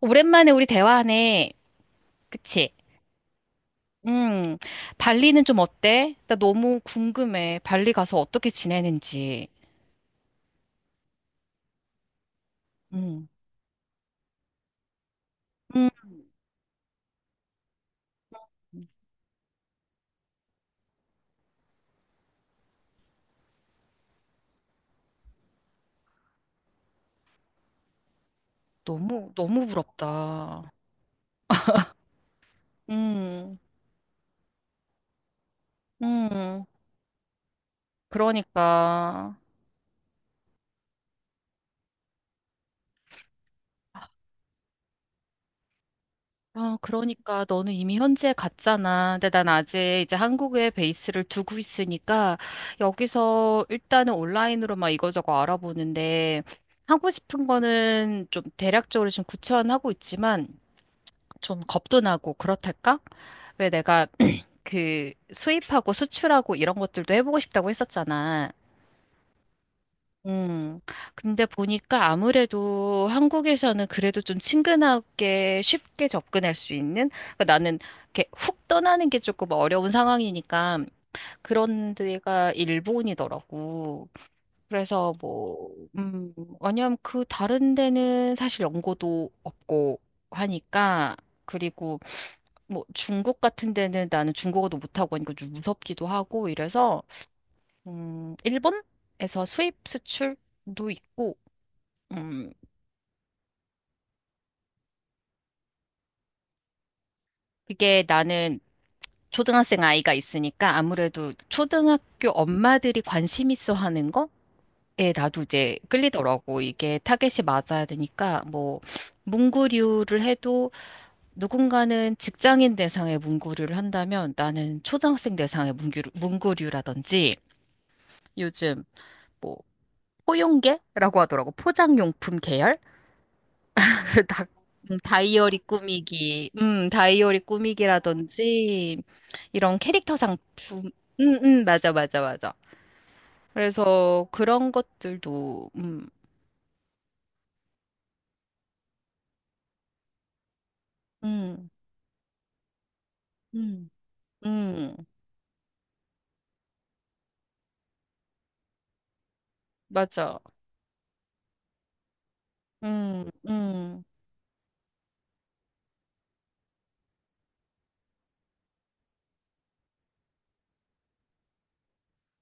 오랜만에 우리 대화하네. 그치? 음, 발리는 좀 어때? 나 너무 궁금해. 발리 가서 어떻게 지내는지. 음, 음, 너무, 너무 부럽다. 음, 음, 그러니까. 아, 그러니까 너는 이미 현지에 갔잖아. 근데 난 아직 이제 한국에 베이스를 두고 있으니까 여기서 일단은 온라인으로 막 이거저거 알아보는데, 하고 싶은 거는 좀 대략적으로 지금 구체화는 하고 있지만 좀 겁도 나고 그렇달까? 왜 내가 그 수입하고 수출하고 이런 것들도 해보고 싶다고 했었잖아. 음. 근데 보니까 아무래도 한국에서는 그래도 좀 친근하게 쉽게 접근할 수 있는? 그러니까 나는 이렇게 훅 떠나는 게 조금 어려운 상황이니까 그런 데가 일본이더라고. 그래서 뭐, 음, 왜냐면 그 다른 데는 사실 연고도 없고 하니까. 그리고 뭐 중국 같은 데는 나는 중국어도 못하고 하니까 좀 무섭기도 하고 이래서 일본에서 수입 수출도 있고. 음, 그게 나는 초등학생 아이가 있으니까 아무래도 초등학교 엄마들이 관심 있어 하는 거에 나도 이제 끌리더라고. 이게 타겟이 맞아야 되니까 뭐 문구류를 해도, 누군가는 직장인 대상의 문구류를 한다면 나는 초등학생 대상의 문구류, 문구류라든지 요즘 뭐 포용계라고 하더라고. 포장용품 계열? 다, 다이어리 꾸미기, 다이어리 꾸미기라든지, 이런 캐릭터 상품. 맞아, 맞아, 맞아. 그래서 그런 것들도. 음. 음. 음. 음. 맞아. 음. 음.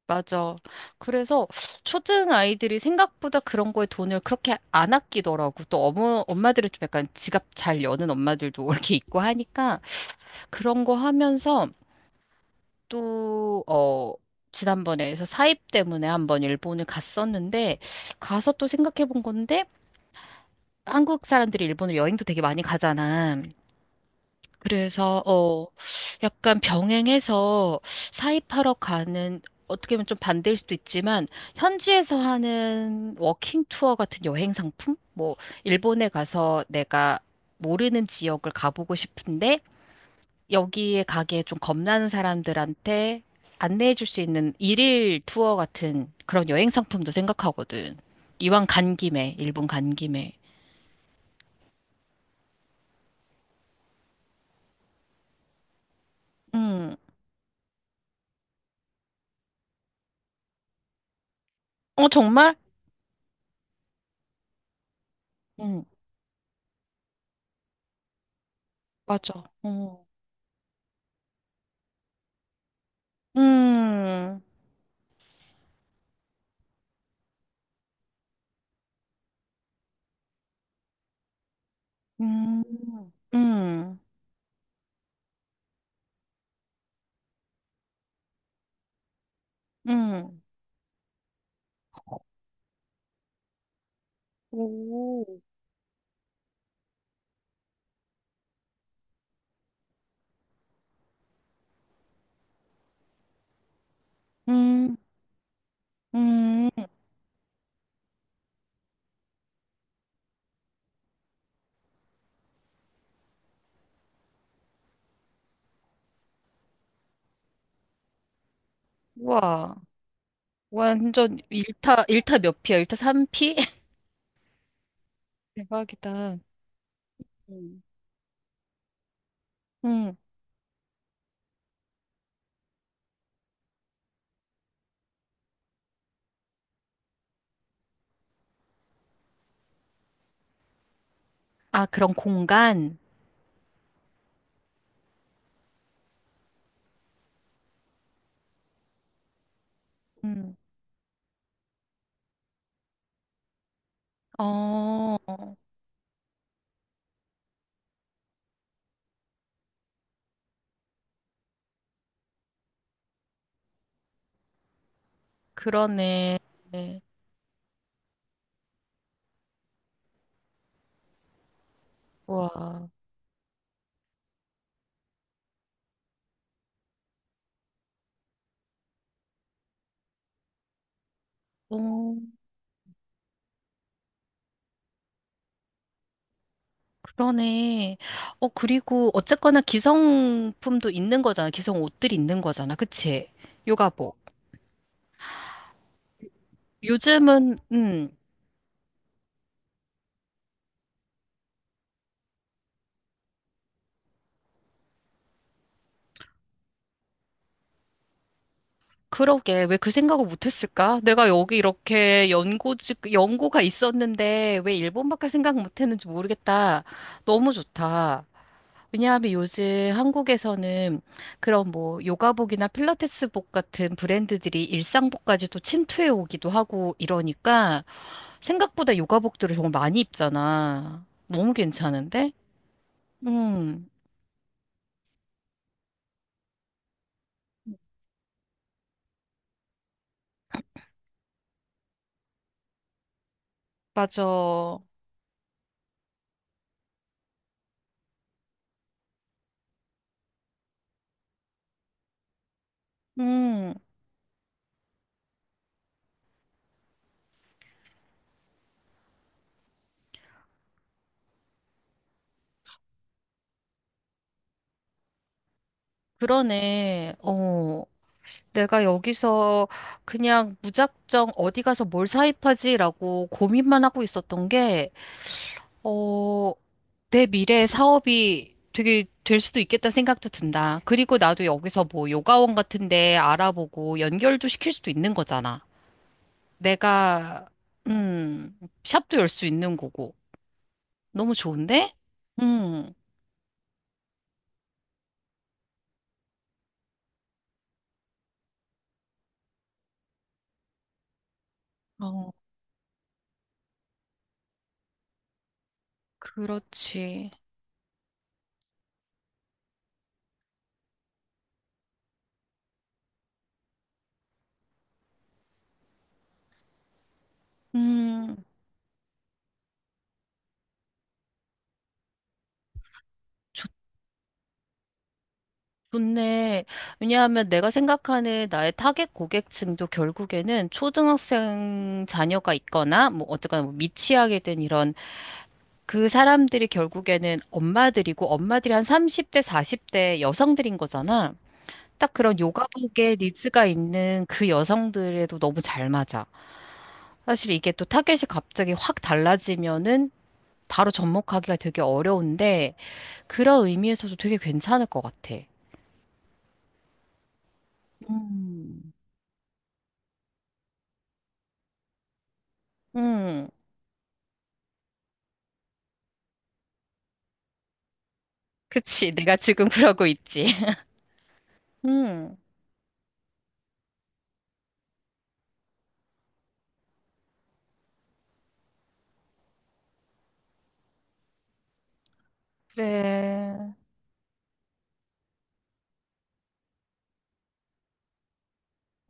맞아. 그래서 초등 아이들이 생각보다 그런 거에 돈을 그렇게 안 아끼더라고. 또 엄마들은 좀 약간 지갑 잘 여는 엄마들도 이렇게 있고 하니까, 그런 거 하면서 또, 지난번에 해서 사입 때문에 한번 일본을 갔었는데, 가서 또 생각해 본 건데, 한국 사람들이 일본을 여행도 되게 많이 가잖아. 그래서, 약간 병행해서 사입하러 가는, 어떻게 보면 좀 반대일 수도 있지만, 현지에서 하는 워킹 투어 같은 여행 상품? 뭐, 일본에 가서 내가 모르는 지역을 가보고 싶은데, 여기에 가게 좀 겁나는 사람들한테 안내해 줄 수 있는 일일 투어 같은 그런 여행 상품도 생각하거든. 이왕 간 김에, 일본 간 김에. 음, 어, 정말? 응, 맞아. 어. 음. 음. 음. 음. 오, 음, 음. 우와. 완전 일타 몇 피야? 일타 삼피. 대박이다. 음. 음. 아, 그런 공간? 어, 그러네. 네. 와, 어, 그러네. 어, 그리고 어쨌거나 기성품도 있는 거잖아. 기성 옷들이 있는 거잖아. 그치? 요가복. 요즘은, 그러게. 왜 그 생각을 못 했을까? 내가 여기 이렇게 연고지, 연고가 있었는데 왜 일본밖에 생각 못 했는지 모르겠다. 너무 좋다. 왜냐하면 요즘 한국에서는 그런 뭐 요가복이나 필라테스복 같은 브랜드들이 일상복까지도 침투해 오기도 하고 이러니까, 생각보다 요가복들을 정말 많이 입잖아. 너무 괜찮은데? 음, 맞아. 음, 그러네. 어. 내가 여기서 그냥 무작정 어디 가서 뭘 사입하지라고 고민만 하고 있었던 게, 어, 내 미래 사업이 되게 될 수도 있겠다 생각도 든다. 그리고 나도 여기서 뭐 요가원 같은 데 알아보고 연결도 시킬 수도 있는 거잖아. 내가, 음, 샵도 열 수 있는 거고. 너무 좋은데? 음, 어, 그렇지. 음, 좋, 좋네. 왜냐하면 내가 생각하는 나의 타겟 고객층도 결국에는 초등학생 자녀가 있거나, 뭐, 어쨌거나 뭐 미취학에 된 이런 그 사람들이 결국에는 엄마들이고, 엄마들이 한 30대, 40대 여성들인 거잖아. 딱 그런 요가복에 니즈가 있는 그 여성들에도 너무 잘 맞아. 사실 이게 또 타겟이 갑자기 확 달라지면은 바로 접목하기가 되게 어려운데, 그런 의미에서도 되게 괜찮을 것 같아. 음. 음. 그치. 내가 지금 그러고 있지. 음. 그래.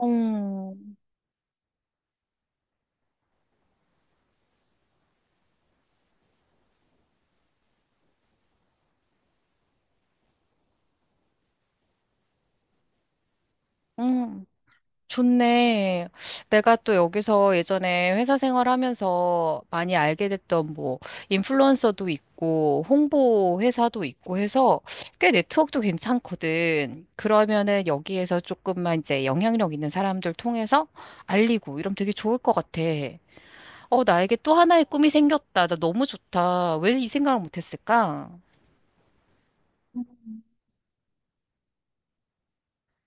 음. 음. 좋네. 내가 또 여기서 예전에 회사 생활하면서 많이 알게 됐던 뭐 인플루언서도 있고 홍보 회사도 있고 해서 꽤 네트워크도 괜찮거든. 그러면은 여기에서 조금만 이제 영향력 있는 사람들 통해서 알리고 이러면 되게 좋을 것 같아. 어, 나에게 또 하나의 꿈이 생겼다. 나 너무 좋다. 왜 이 생각을 못 했을까?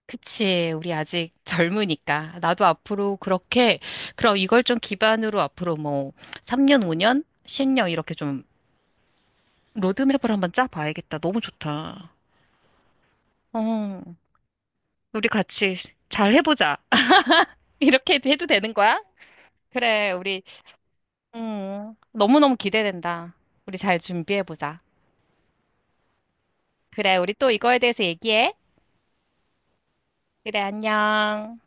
그치. 우리 아직 젊으니까. 나도 앞으로 그렇게, 그럼 이걸 좀 기반으로 앞으로 뭐, 3년, 5년, 10년 이렇게 좀 로드맵을 한번 짜봐야겠다. 너무 좋다. 어, 우리 같이 잘 해보자. 이렇게 해도 되는 거야? 그래, 우리, 너무너무 기대된다. 우리 잘 준비해보자. 그래, 우리 또 이거에 대해서 얘기해. 그래, 안녕.